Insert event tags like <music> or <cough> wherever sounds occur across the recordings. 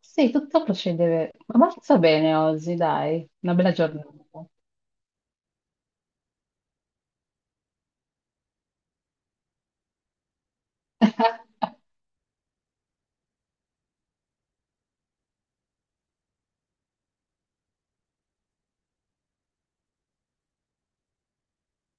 Sì, tutto procede abbastanza bene oggi, dai, una bella giornata.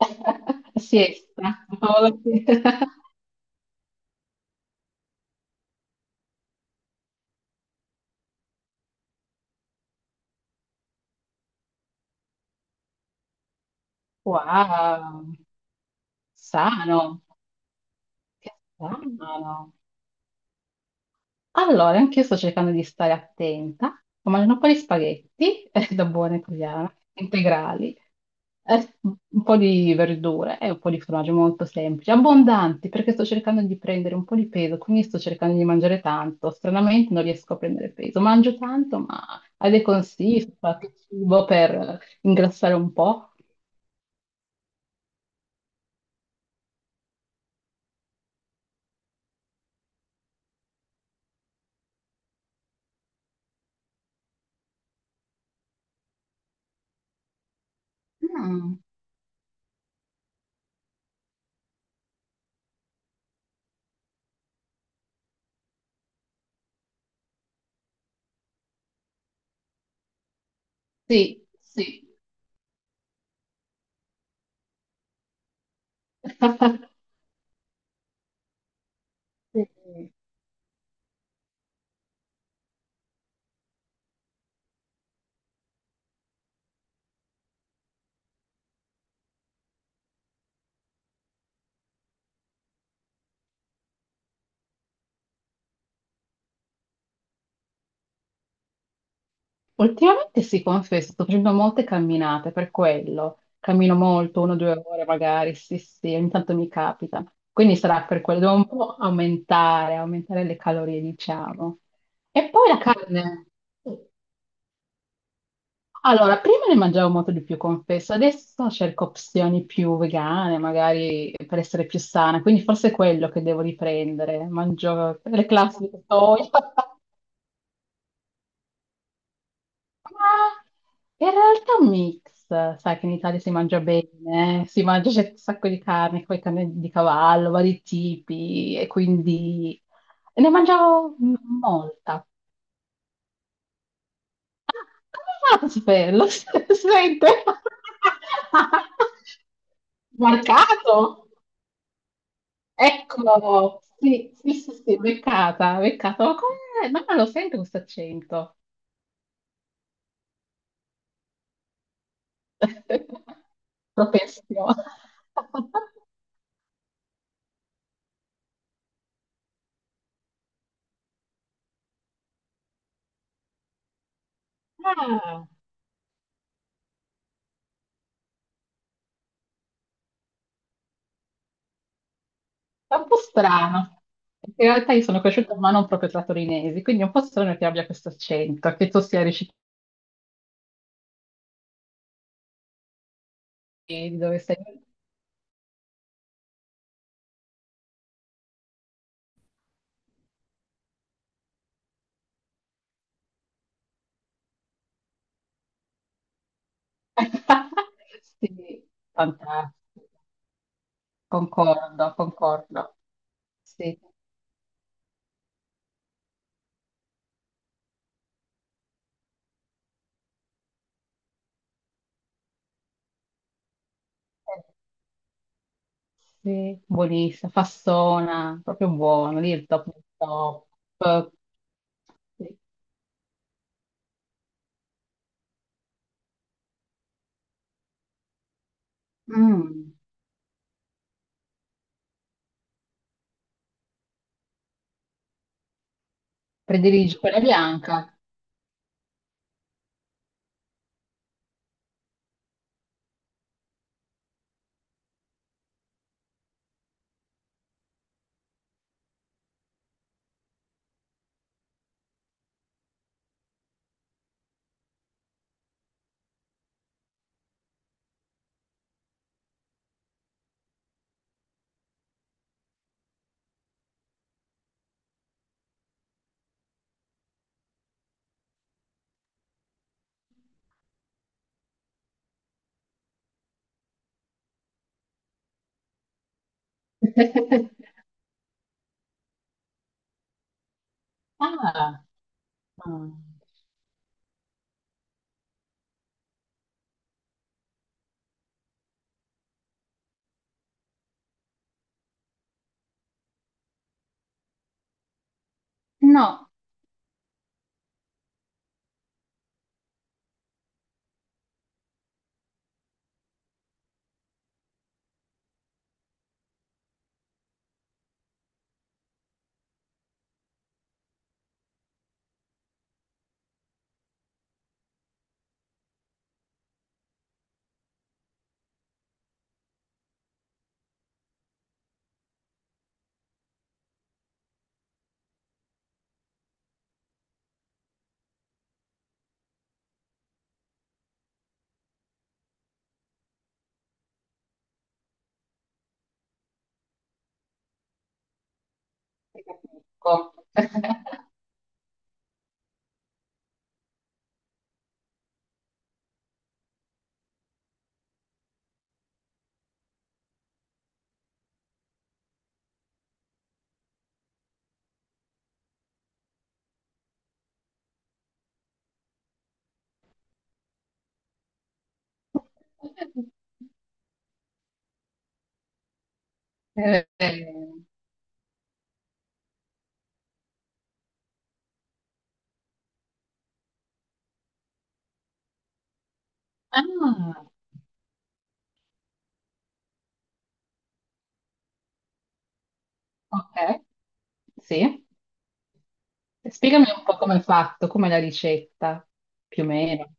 <laughs> Siesta, cavolo, sì. <laughs> Wow, sano, che sano. Allora, anche io sto cercando di stare attenta, ho mangiato un po' di spaghetti, <laughs> da buona italiana, integrali. Un po' di verdure e un po' di formaggio molto semplici, abbondanti, perché sto cercando di prendere un po' di peso, quindi sto cercando di mangiare tanto. Stranamente non riesco a prendere peso. Mangio tanto, ma hai dei consigli su qualche cibo per ingrassare un po'? Mm, sì, sì. <laughs> Sì. Ultimamente sì, confesso, sto facendo molte camminate per quello. Cammino molto, una o due ore magari, sì, sì, ogni tanto mi capita. Quindi sarà per quello, devo un po' aumentare le calorie, diciamo. E poi la carne. Allora, prima ne mangiavo molto di più, confesso, adesso cerco opzioni più vegane, magari per essere più sana, quindi forse è quello che devo riprendere. Mangio le classiche soia. <laughs> Ma in realtà un mix, sai che in Italia si mangia bene, si mangia c'è un sacco di carne, poi carne di cavallo, vari tipi, e quindi ne mangiavo molta. Come fate a saperlo? <laughs> Si sente? <laughs> Marcato? Eccolo! Sì, sì, sì, sì, beccata, beccata. Ma come? No, non lo sento questo accento. <laughs> Propensione. <laughs> È un po' strano. In realtà io sono cresciuta ma non proprio tra torinesi, quindi è un po' strano che abbia questo accento, che tu sia riuscito di dove sei. <laughs> Sì, fantastico. Concordo, concordo. Sì, sì, buonissimo, fassona, proprio buono, lì il top, del top. Sì. Mm, prediligi quella bianca. Ah, mm. No, ti capisco. <laughs> Eh, ah, ok, sì. Spiegami un po' come è fatto, come è la ricetta, più o meno.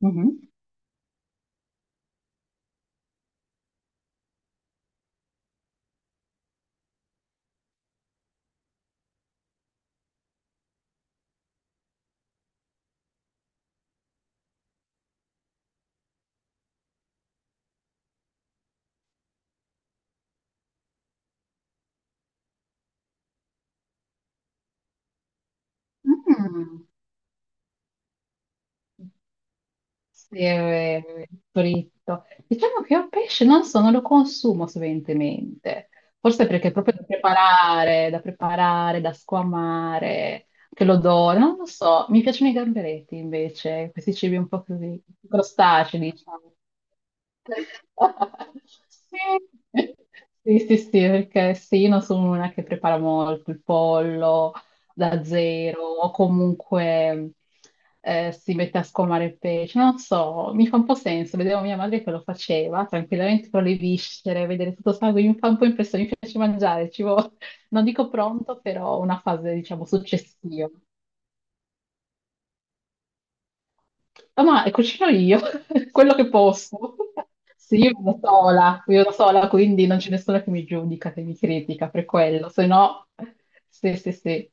Mhm. Mm. Sì, è vero, è fritto. Diciamo che io pesce non so, non lo consumo sovente, forse perché è proprio da preparare, da preparare, da squamare, che l'odore, non lo so. Mi piacciono i gamberetti invece, questi cibi un po' così, crostacei, diciamo. <laughs> Sì. Sì, sì, sì, perché sì, io non sono una che prepara molto il pollo, da zero o comunque si mette a scolmare il pesce. Non so, mi fa un po' senso. Vedevo mia madre che lo faceva tranquillamente con le viscere, vedere tutto sangue, mi fa un po' impressione, mi piace mangiare, <laughs> non dico pronto, però una fase, diciamo, successiva. Ah, ma cucino io, <laughs> quello che posso. <laughs> Sì, io vivo da sola, quindi non c'è nessuno che mi giudica, che mi critica per quello, se no... Sì, sì, sì.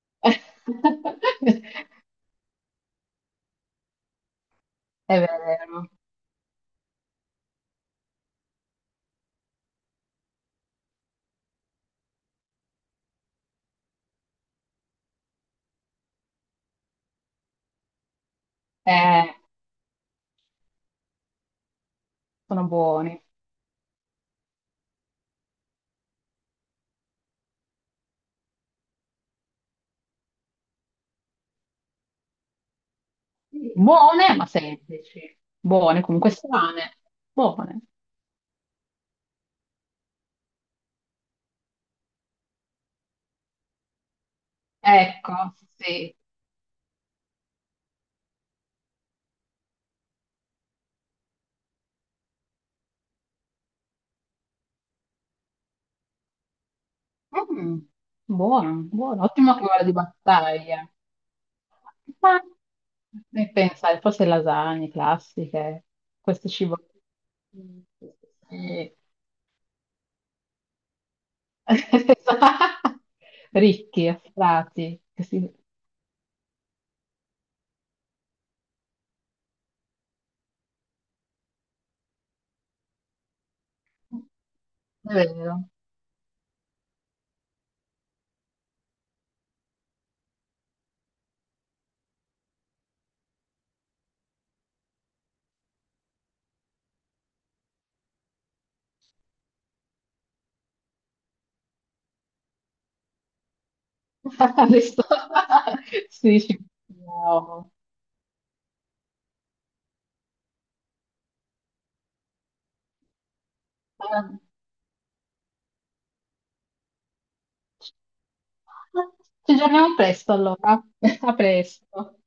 <laughs> È vero. Eh, sono buoni. Buone, ma semplici. Buone, comunque strane. Buone. Ecco, sì. Mm, buono, buono. Ottimo cavallo di battaglia. Ma e pensare, forse lasagne classiche, questo cibo. Mm, sì. <laughs> Ricchi, affrati, è vero. <laughs> Adesso- <laughs> sì, ci- no. Ah, ci aggiorniamo presto allora. <laughs> A presto.